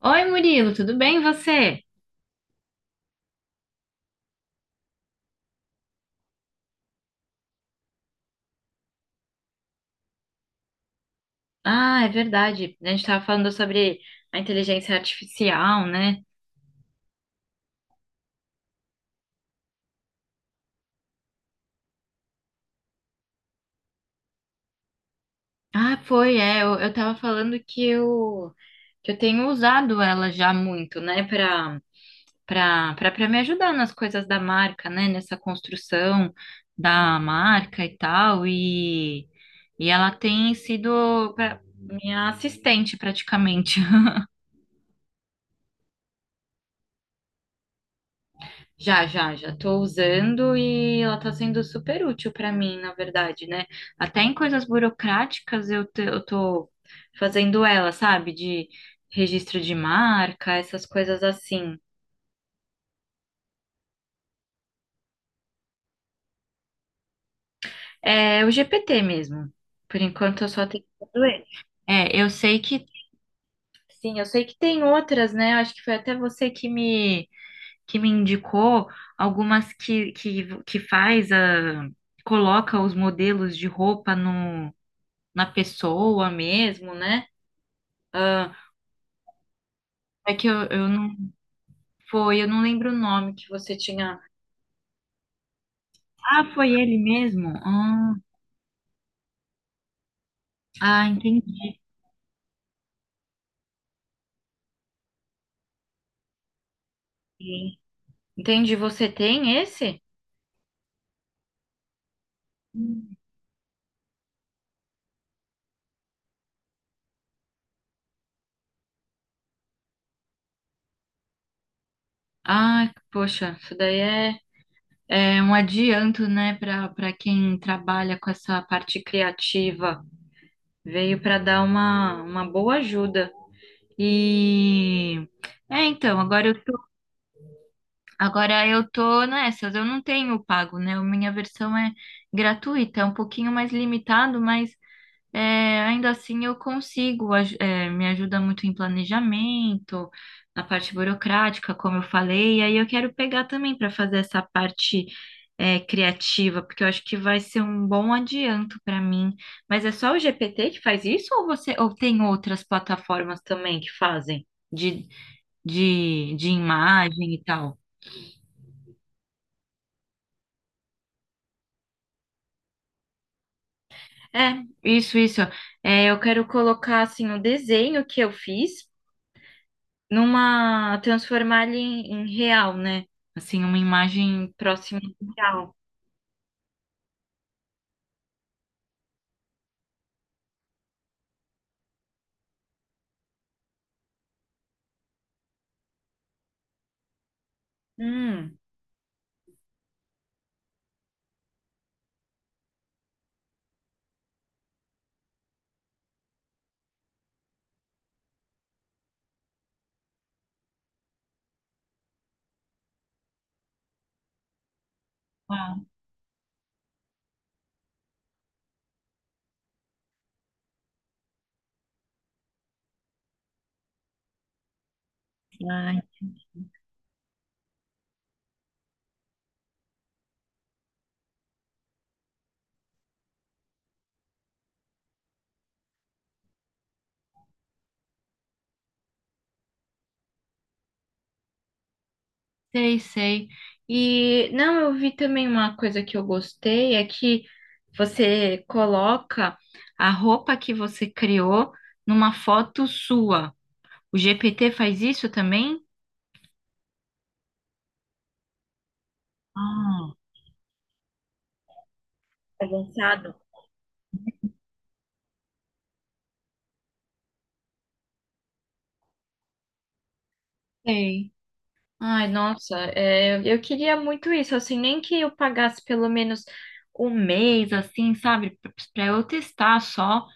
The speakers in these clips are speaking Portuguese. Oi, Murilo, tudo bem e você? Ah, é verdade. A gente estava falando sobre a inteligência artificial, né? Ah, foi, é. Eu tava falando que que eu tenho usado ela já muito, né, para para me ajudar nas coisas da marca, né, nessa construção da marca e tal. E ela tem sido minha assistente praticamente. Já tô usando e ela tá sendo super útil para mim, na verdade, né? Até em coisas burocráticas eu tô fazendo ela, sabe? De registro de marca, essas coisas assim. É o GPT mesmo. Por enquanto eu só tenho ele. É, eu sei que, sim, eu sei que tem outras, né? Eu acho que foi até você que me indicou algumas que faz coloca os modelos de roupa no na pessoa mesmo, né? Ah, é que eu não foi, eu não lembro o nome que você tinha. Ah, foi ele mesmo? Entendi. Entendi. Você tem esse? Hum. Ah, poxa, isso daí é um adianto, né, para quem trabalha com essa parte criativa. Veio para dar uma boa ajuda. E então, agora eu tô nessas, eu não tenho pago, né? A minha versão é gratuita, é um pouquinho mais limitado, mas é, ainda assim eu consigo, me ajuda muito em planejamento, na parte burocrática, como eu falei, e aí eu quero pegar também para fazer essa parte criativa, porque eu acho que vai ser um bom adianto para mim. Mas é só o GPT que faz isso ou tem outras plataformas também que fazem de, de imagem e tal? É, isso, isso. É, eu quero colocar assim o desenho que eu fiz numa transformar ele em real, né? Assim, uma imagem próxima do real. Hum. Ah, ah, sei, sei. E não, eu vi também uma coisa que eu gostei é que você coloca a roupa que você criou numa foto sua. O GPT faz isso também? Ah, avançado. Sei. Ai, nossa, é, eu queria muito isso, assim, nem que eu pagasse pelo menos um mês, assim, sabe, para eu testar só,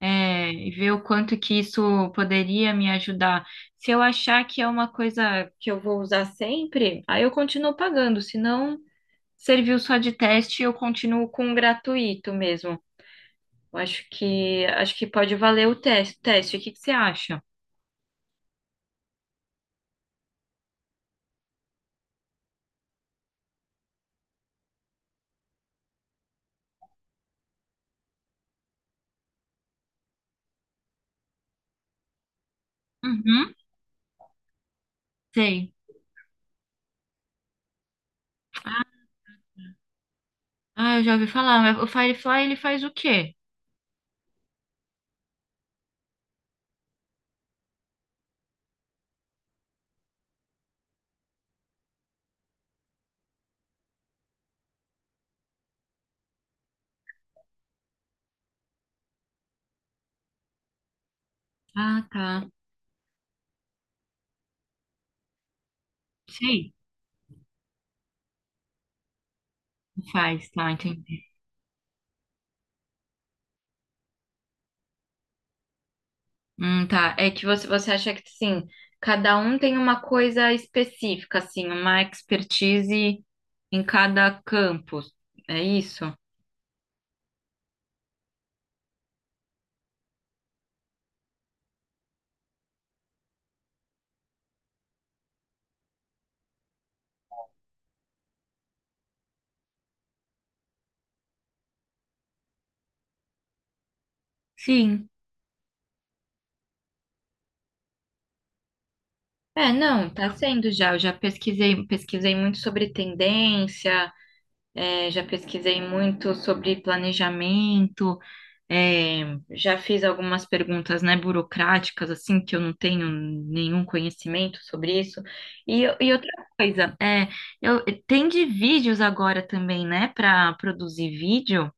é, e ver o quanto que isso poderia me ajudar. Se eu achar que é uma coisa que eu vou usar sempre, aí eu continuo pagando, se não serviu só de teste, eu continuo com o gratuito mesmo. Eu acho acho que pode valer o teste, teste, o que que você acha? Uhum, sei. Ah, eu já ouvi falar, mas o Firefly, ele faz o quê? Ah, tá. Sei, faz, tá, entendi. Tá. É que você acha que, assim, cada um tem uma coisa específica, assim, uma expertise em cada campo. É isso? Sim. É, não, tá sendo já. Eu já pesquisei, pesquisei muito sobre tendência, é, já pesquisei muito sobre planejamento. É, já fiz algumas perguntas, né, burocráticas, assim, que eu não tenho nenhum conhecimento sobre isso. E outra coisa, é, eu, tem de vídeos agora também, né, para produzir vídeo?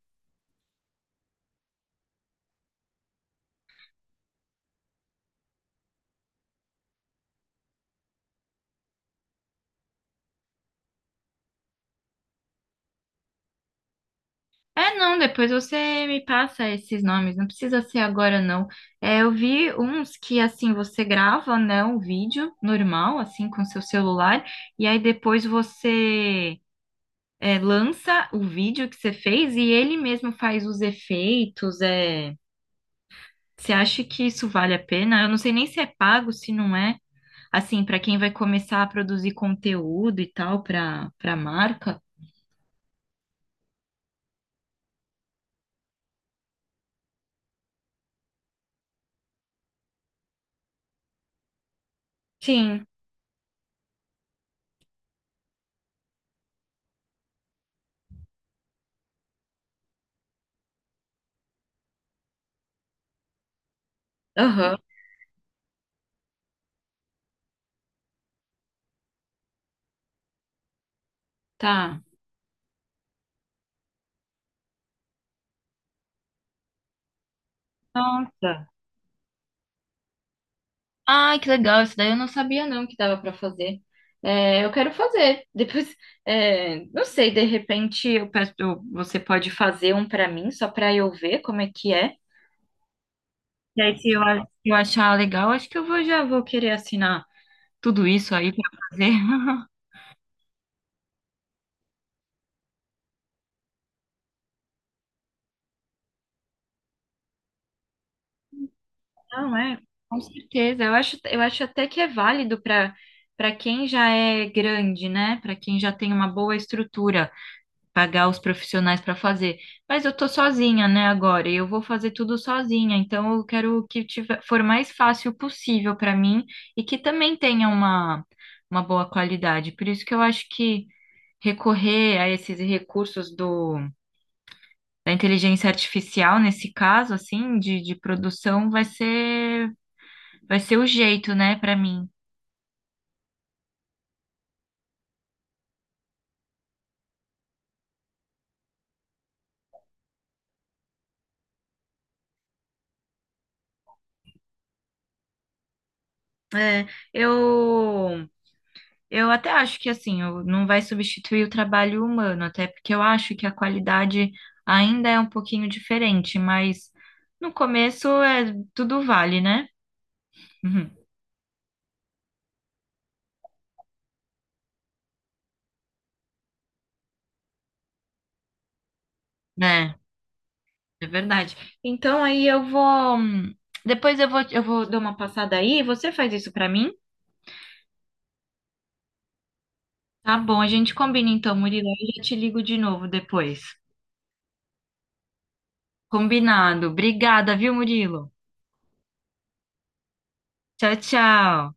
É, não, depois você me passa esses nomes, não precisa ser agora, não. É, eu vi uns que, assim, você grava, né, um vídeo normal, assim, com seu celular, e aí depois lança o vídeo que você fez e ele mesmo faz os efeitos. Você acha que isso vale a pena? Eu não sei nem se é pago, se não é. Assim, para quem vai começar a produzir conteúdo e tal para marca. Sim. Aham. Tá. Nossa. Ai, que legal. Isso daí eu não sabia não que dava para fazer. É, eu quero fazer. Depois, é, não sei, de repente você pode fazer um para mim, só para eu ver como é que é. E aí, se eu achar legal, acho que já vou querer assinar tudo isso aí para fazer. Não, é, com certeza. Eu acho até que é válido para quem já é grande, né? Para quem já tem uma boa estrutura, pagar os profissionais para fazer. Mas eu tô sozinha, né, agora, e eu vou fazer tudo sozinha, então eu quero que tiver, for mais fácil possível para mim e que também tenha uma boa qualidade. Por isso que eu acho que recorrer a esses recursos do da inteligência artificial nesse caso, assim, de produção, vai ser o jeito, né, para mim. É, eu, eu até acho que, assim, não vai substituir o trabalho humano, até porque eu acho que a qualidade ainda é um pouquinho diferente, mas no começo é, tudo vale, né? Uhum. É, é verdade. Então aí eu vou. Depois eu vou dar uma passada aí. Você faz isso para mim? Tá bom, a gente combina então, Murilo. Eu já te ligo de novo depois. Combinado. Obrigada, viu, Murilo? Tchau, tchau.